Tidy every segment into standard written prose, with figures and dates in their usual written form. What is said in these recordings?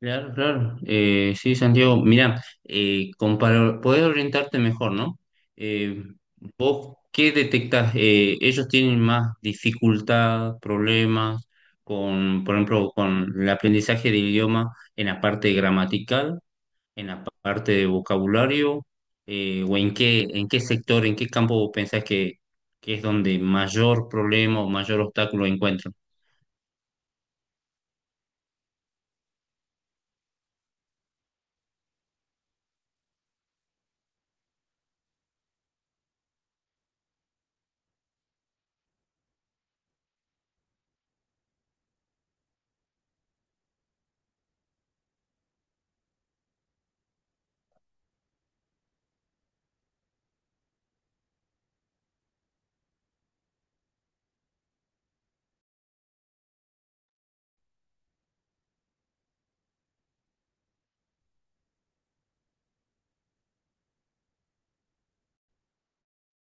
Claro, claro. Sí, Santiago, mira, como para poder orientarte mejor, ¿no? Eh, ¿Vos qué detectás? Ellos tienen más dificultad, problemas con, por ejemplo, con el aprendizaje del idioma en la parte gramatical, en la parte de vocabulario, o en qué sector, ¿en qué campo vos pensás que es donde mayor problema o mayor obstáculo encuentran?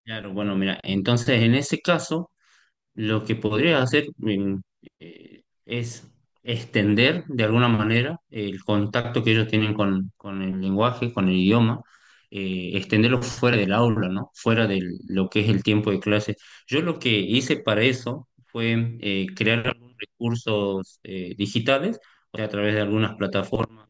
Claro, bueno, mira, entonces en ese caso lo que podría hacer es extender de alguna manera el contacto que ellos tienen con el lenguaje, con el idioma, extenderlo fuera del aula, ¿no? Fuera de lo que es el tiempo de clase. Yo lo que hice para eso fue crear algunos recursos digitales, o sea, a través de algunas plataformas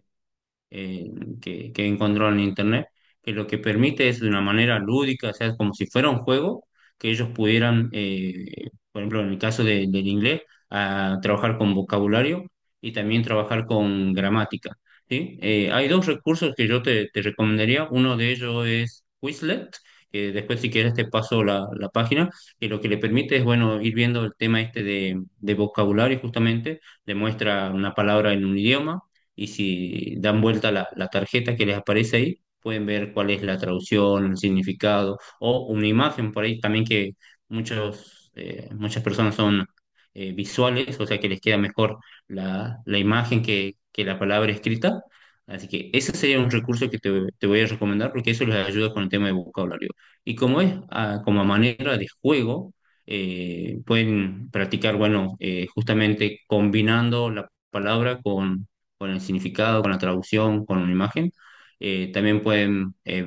eh, que encontró en internet, que lo que permite es de una manera lúdica, o sea, como si fuera un juego, que ellos pudieran, por ejemplo, en el del inglés, a trabajar con vocabulario y también trabajar con gramática, ¿sí? Hay dos recursos que te recomendaría, uno de ellos es Quizlet, que después si quieres te paso la página, que lo que le permite es, bueno, ir viendo el tema este de vocabulario justamente, demuestra una palabra en un idioma, y si dan vuelta la tarjeta que les aparece ahí, pueden ver cuál es la traducción, el significado o una imagen por ahí también que muchos, muchas personas son visuales, o sea que les queda mejor la imagen que la palabra escrita. Así que ese sería un recurso que te voy a recomendar porque eso les ayuda con el tema de vocabulario. Y como es como manera de juego, pueden practicar, bueno, justamente combinando la palabra con el significado, con la traducción, con una imagen. También pueden,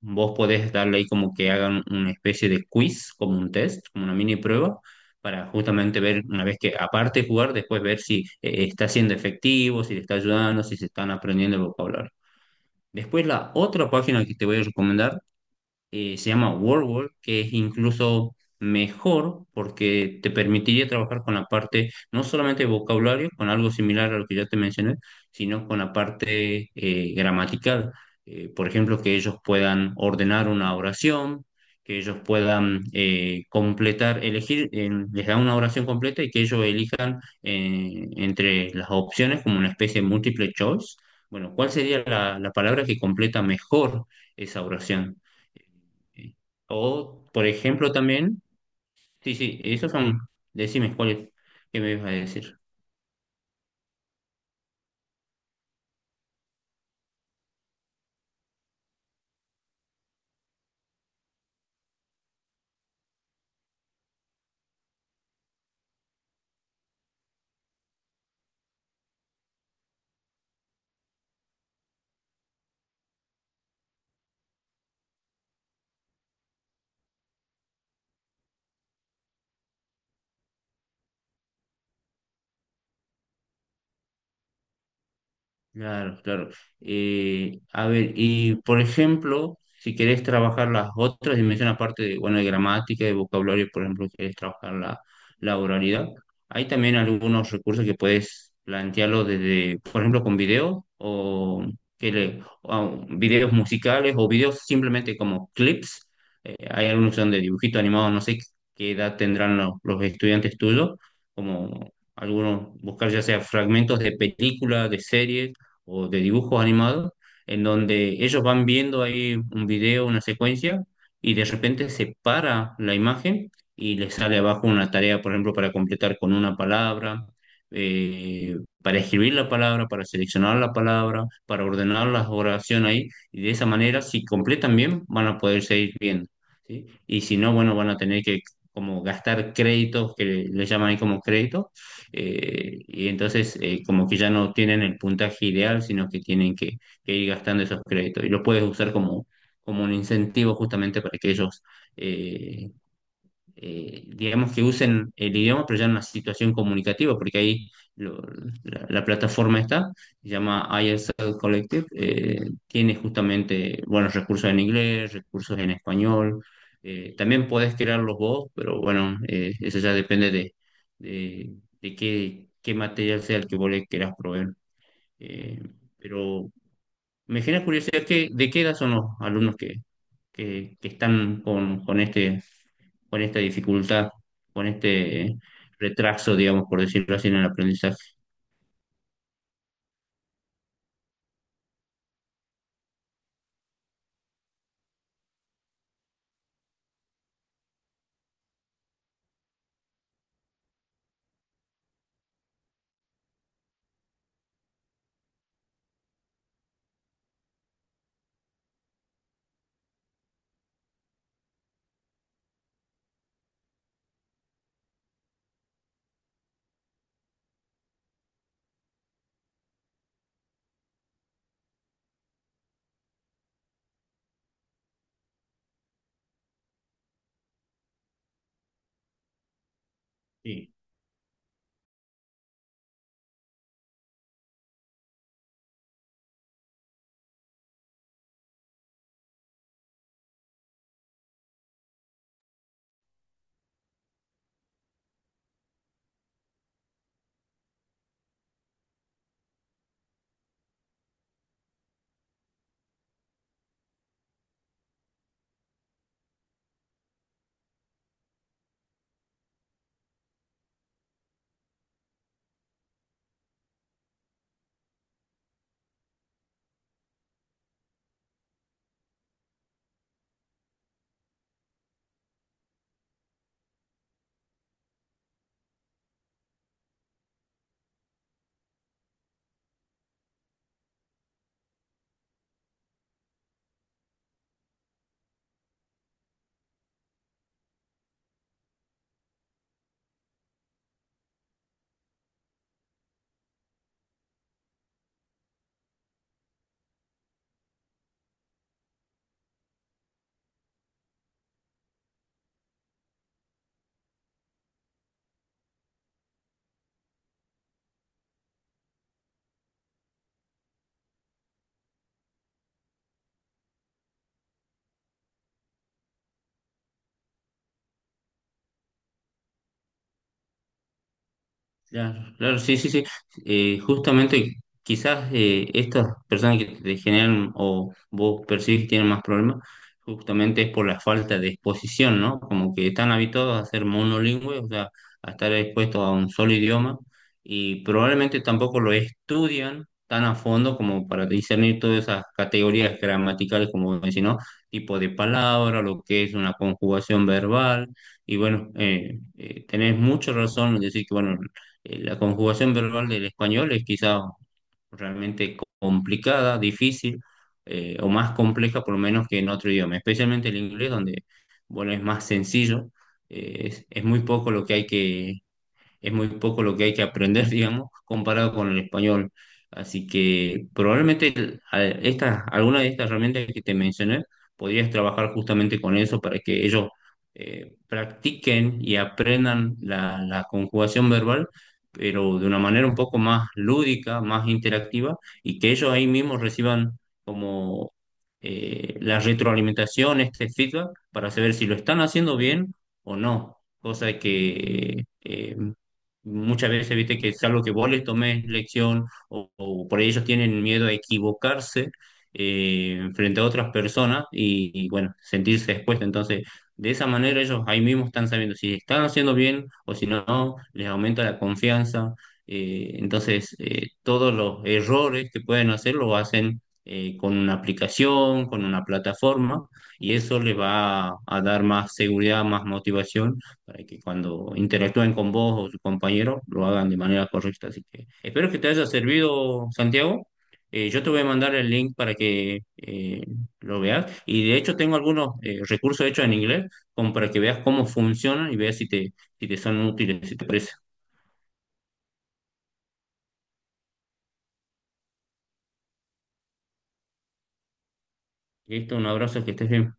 vos podés darle ahí como que hagan una especie de quiz, como un test, como una mini prueba, para justamente ver, una vez que aparte de jugar, después ver si está siendo efectivo, si le está ayudando, si se están aprendiendo el vocabulario. Después la otra página que te voy a recomendar se llama WordWork, que es incluso mejor porque te permitiría trabajar con la parte, no solamente de vocabulario, con algo similar a lo que ya te mencioné, sino con la parte gramatical. Por ejemplo, que ellos puedan ordenar una oración, que ellos puedan completar, elegir, les da una oración completa y que ellos elijan entre las opciones como una especie de multiple choice. Bueno, ¿cuál sería la palabra que completa mejor esa oración? Sí. O, por ejemplo, también, sí, sí, esos son, decime cuál qué me ibas a decir. Claro, claro. A ver, y por ejemplo, si querés trabajar las otras dimensiones, aparte de, bueno, de gramática, de vocabulario, por ejemplo, si querés trabajar la oralidad, hay también algunos recursos que puedes plantearlo desde, por ejemplo, con videos o, que o videos musicales o videos simplemente como clips. Hay algunos que son de dibujito animado, no sé qué edad tendrán los estudiantes tuyos, como algunos buscar ya sea fragmentos de películas, de series o de dibujos animados, en donde ellos van viendo ahí un video, una secuencia, y de repente se para la imagen y les sale abajo una tarea, por ejemplo, para completar con una palabra, eh, para escribir la palabra, para seleccionar la palabra, para ordenar la oración ahí, y de esa manera, si completan bien, van a poder seguir viendo, ¿sí? Y si no, bueno, van a tener que como gastar créditos, que le llaman ahí como créditos, y entonces como que ya no tienen el puntaje ideal, sino que tienen que ir gastando esos créditos y lo puedes usar como, como un incentivo justamente para que ellos eh, digamos que usen el idioma, pero ya en una situación comunicativa, porque ahí la, la plataforma está, se llama ISL Collective, tiene justamente, bueno, recursos en inglés, recursos en español, también podés crearlos vos, pero bueno, eso ya depende de, de qué, qué material sea el que vos le querás proveer. Eh, pero me genera curiosidad que, de qué edad son los alumnos que están con este, con esta dificultad, con este retraso, digamos, por decirlo así, en el aprendizaje. Claro, claro, sí, sí, sí. Justamente quizás estas personas que te generan o vos percibís que tienen más problemas, justamente es por la falta de exposición, ¿no? Como que están habituados a ser monolingües, o sea, a estar expuestos a un solo idioma y probablemente tampoco lo estudian tan a fondo como para discernir todas esas categorías gramaticales, como decís, ¿no? Tipo de palabra, lo que es una conjugación verbal. Y bueno, tenés mucha razón en decir que bueno, la conjugación verbal del español es quizá realmente complicada, difícil o más compleja por lo menos que en otro idioma, especialmente el inglés donde, bueno, es más sencillo, es muy poco lo que hay que, es muy poco lo que hay que aprender, digamos, comparado con el español. Así que probablemente esta, alguna de estas herramientas que te mencioné, podrías trabajar justamente con eso para que ellos practiquen y aprendan la conjugación verbal, pero de una manera un poco más lúdica, más interactiva, y que ellos ahí mismos reciban como la retroalimentación, este feedback, para saber si lo están haciendo bien o no, cosa que muchas veces, viste, que es algo que vos les tomes lección o por ahí ellos tienen miedo a equivocarse frente a otras personas y, bueno, sentirse expuestos. Entonces, de esa manera ellos ahí mismo están sabiendo si están haciendo bien o si no, les aumenta la confianza. Entonces, todos los errores que pueden hacer lo hacen con una aplicación, con una plataforma y eso les va a dar más seguridad, más motivación para que cuando interactúen con vos o tus compañero lo hagan de manera correcta. Así que espero que te haya servido, Santiago. Yo te voy a mandar el link para que lo veas. Y de hecho tengo algunos recursos hechos en inglés como para que veas cómo funcionan y veas si si te son útiles, si te parece. Listo, un abrazo, que estés bien.